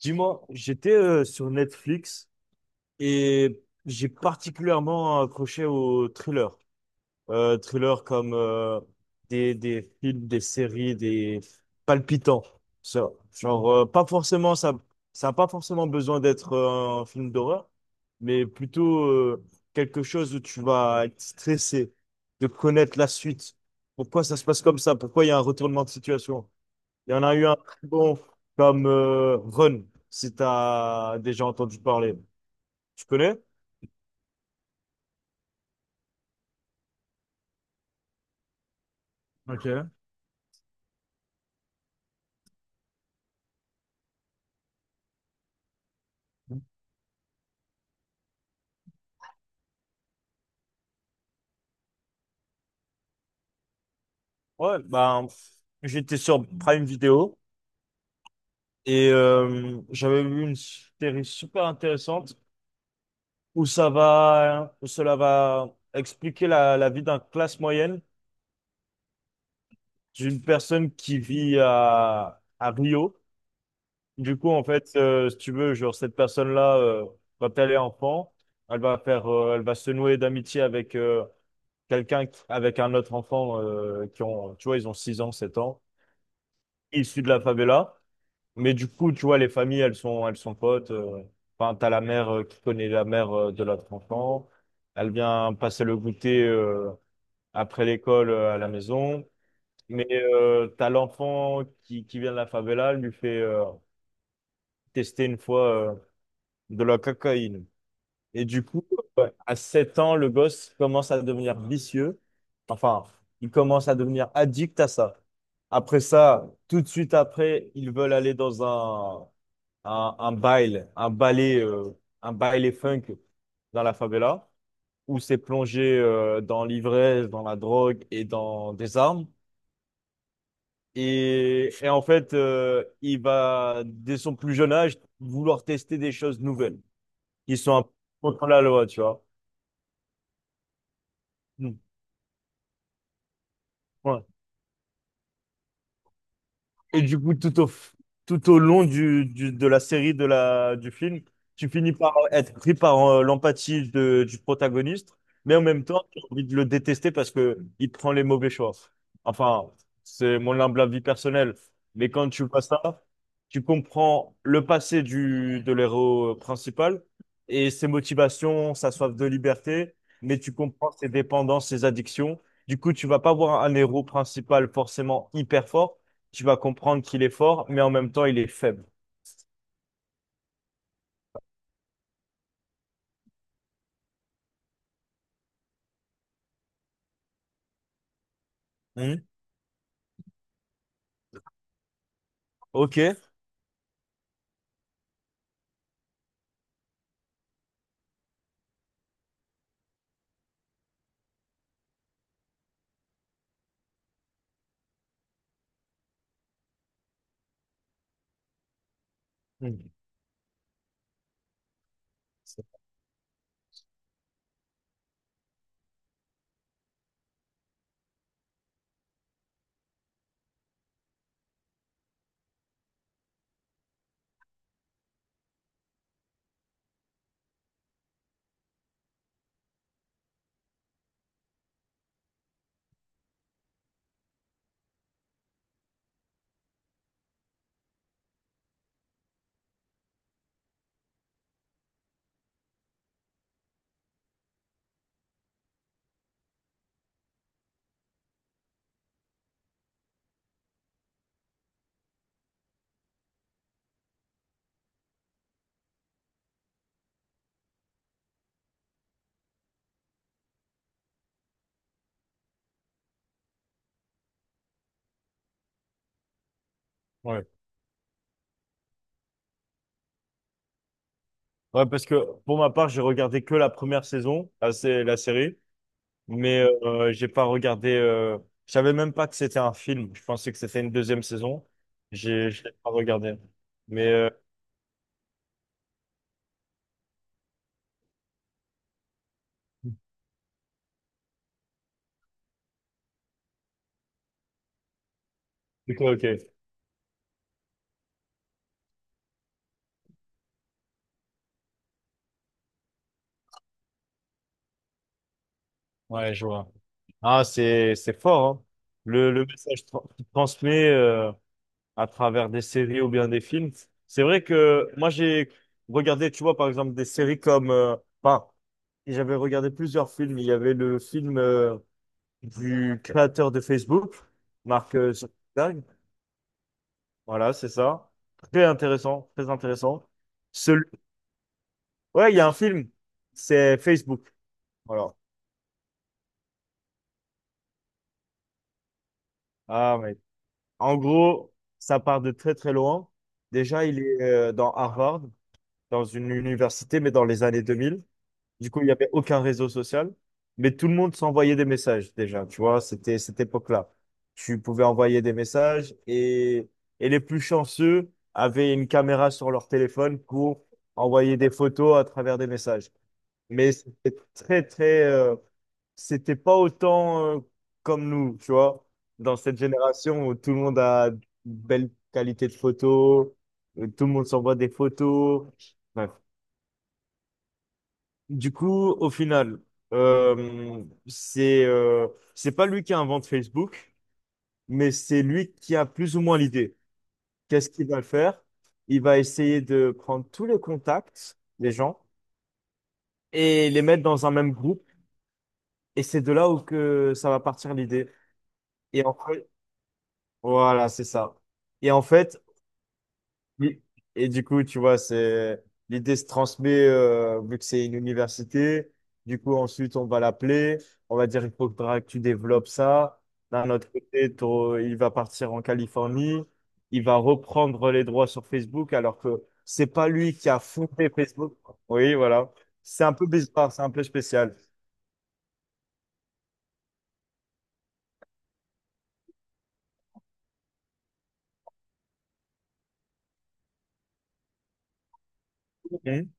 Dis-moi, j'étais sur Netflix et j'ai particulièrement accroché aux thrillers. Thrillers comme des films, des séries, des palpitants. Ça, genre, pas forcément, ça n'a pas forcément besoin d'être un film d'horreur, mais plutôt quelque chose où tu vas être stressé de connaître la suite. Pourquoi ça se passe comme ça? Pourquoi il y a un retournement de situation? Il y en a eu un très bon comme Run, si tu as déjà entendu parler. Tu connais? Ok. Ouais, ben, j'étais sur Prime Video et j'avais vu une série super intéressante où ça va, où cela va expliquer la vie d'un classe moyenne, d'une personne qui vit à Rio. Du coup, en fait, si tu veux, genre, cette personne-là, quand elle est enfant, elle va se nouer d'amitié avec avec un autre enfant qui ont, tu vois, ils ont 6 ans, 7 ans, issus de la favela. Mais du coup, tu vois, les familles, elles sont potes. Enfin, t'as la mère qui connaît la mère de l'autre enfant. Elle vient passer le goûter après l'école à la maison. Mais t'as l'enfant qui vient de la favela, elle lui fait tester une fois de la cocaïne. Et du coup, ouais, à 7 ans, le gosse commence à devenir vicieux. Enfin, il commence à devenir addict à ça. Après ça, tout de suite après, ils veulent aller dans un, un bail, un ballet, euh, un baile funk dans la favela, où c'est plongé dans l'ivresse, dans la drogue et dans des armes. Et en fait, il va, dès son plus jeune âge, vouloir tester des choses nouvelles qui sont un peu contre la loi, tu vois. Mm. Ouais. Et du coup, tout au long de la série, du film, tu finis par être pris par l'empathie du protagoniste, mais en même temps, tu as envie de le détester parce que il prend les mauvais choix. Enfin, c'est mon humble avis personnel. Mais quand tu vois ça, tu comprends le passé de l'héros principal et ses motivations, sa soif de liberté, mais tu comprends ses dépendances, ses addictions. Du coup, tu vas pas voir un héros principal forcément hyper fort. Tu vas comprendre qu'il est fort, mais en même temps, il est faible. Mhm. Ok. Mhm. Ouais. Ouais, parce que pour ma part, j'ai regardé que la première saison, la série, mais j'ai pas regardé. Je savais même pas que c'était un film. Je pensais que c'était une deuxième saison. Je l'ai pas regardé. Mais ok, ok. Ouais, je vois. Ah, c'est fort, hein. Le message qu'il transmet. À travers des séries ou bien des films. C'est vrai que moi, j'ai regardé, tu vois, par exemple, des séries enfin, j'avais regardé plusieurs films. Il y avait le film du créateur de Facebook, Mark Zuckerberg. Voilà, c'est ça. Très intéressant, très intéressant. Celui... Ouais, il y a un film, c'est Facebook. Voilà. Ah, mais en gros, ça part de très très loin. Déjà, il est dans Harvard, dans une université, mais dans les années 2000. Du coup, il n'y avait aucun réseau social, mais tout le monde s'envoyait des messages déjà, tu vois, c'était cette époque-là. Tu pouvais envoyer des messages et les plus chanceux avaient une caméra sur leur téléphone pour envoyer des photos à travers des messages. Mais c'était très, très, c'était pas autant comme nous, tu vois, dans cette génération où tout le monde a une belle qualité de photo, où tout le monde s'envoie des photos. Bref. Du coup, au final, euh, c'est euh, c'est pas lui qui invente Facebook, mais c'est lui qui a plus ou moins l'idée. Qu'est-ce qu'il va faire? Il va essayer de prendre tous les contacts des gens et les mettre dans un même groupe. Et c'est de là où que ça va partir l'idée. Et en fait, voilà, c'est ça. Et en fait, oui. Et du coup, tu vois, c'est l'idée se transmet vu que c'est une université. Du coup, ensuite, on va l'appeler. On va dire, il faudra que tu développes ça. D'un autre côté, il va partir en Californie. Il va reprendre les droits sur Facebook alors que c'est pas lui qui a fondé Facebook. Oui, voilà. C'est un peu bizarre, c'est un peu spécial. Mhm.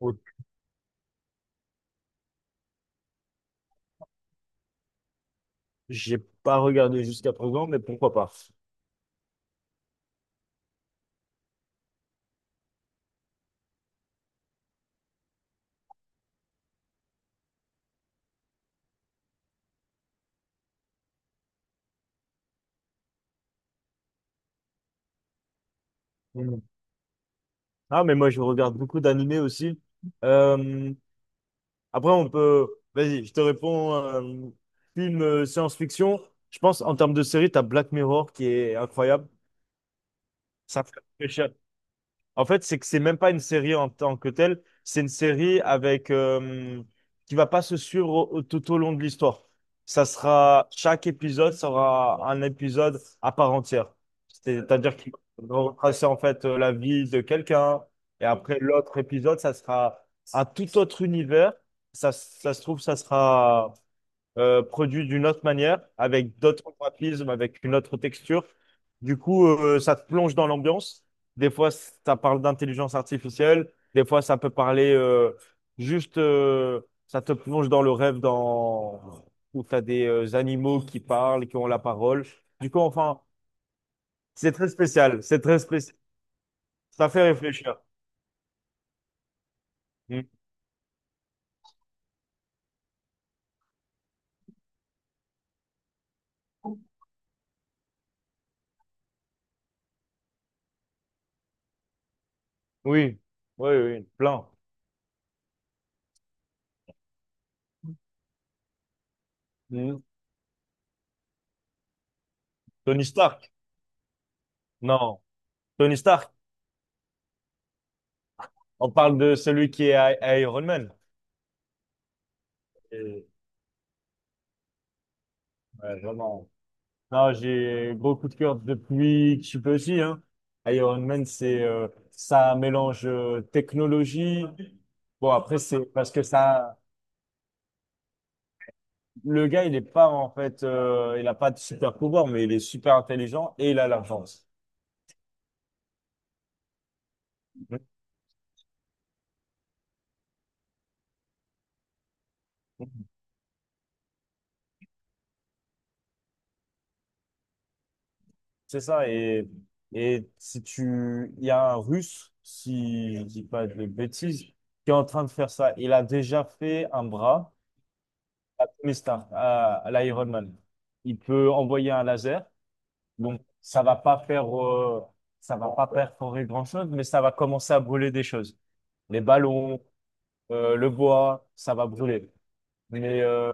Mhm. J'ai pas regardé jusqu'à présent, mais pourquoi pas? Mm. Ah, mais moi, je regarde beaucoup d'animés aussi. Euh, Après, on peut. Vas-y, je te réponds. Film science-fiction. Je pense en termes de série, t'as Black Mirror qui est incroyable. Ça fait réfléchir. En fait, c'est que c'est même pas une série en tant que telle, c'est une série avec qui va pas se suivre tout au long de l'histoire. Ça sera Chaque épisode sera un épisode à part entière. C'est-à-dire qu'il va retracer en fait la vie de quelqu'un et après l'autre épisode, ça sera un tout autre univers. Ça se trouve, ça sera produit d'une autre manière, avec d'autres graphismes, avec une autre texture. Du coup, ça te plonge dans l'ambiance. Des fois, ça parle d'intelligence artificielle. Des fois, ça peut parler juste, euh, ça te plonge dans le rêve, dans où tu as des animaux qui parlent, qui ont la parole. Du coup, enfin, c'est très spécial. C'est très spécial. Ça fait réfléchir. Mm. Oui, oui, oui, oui. Plein. Mm. Tony Stark. Non, Tony Stark. On parle de celui qui est Iron Man. Et, ouais, vraiment. Non, j'ai gros coup de cœur depuis que je suis petit, hein. Iron Man, c'est ça mélange technologie. Bon, après, c'est parce que ça, le gars, il est pas en fait, il a pas de super pouvoir, mais il est super intelligent et il a l'argent. C'est ça. Et si tu, il y a un Russe, si je dis pas de bêtises, qui est en train de faire ça. Il a déjà fait un bras. Tony Stark à l'Iron Man. Il peut envoyer un laser. Donc, ça va pas perforer grand-chose, mais ça va commencer à brûler des choses. Les ballons, le bois, ça va brûler. Mais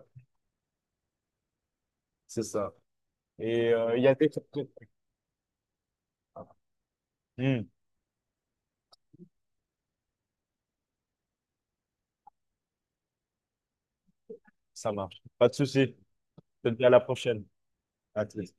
c'est ça. Et il y a des... Hmm, ça marche. Pas de souci. Je te dis à la prochaine. À tous.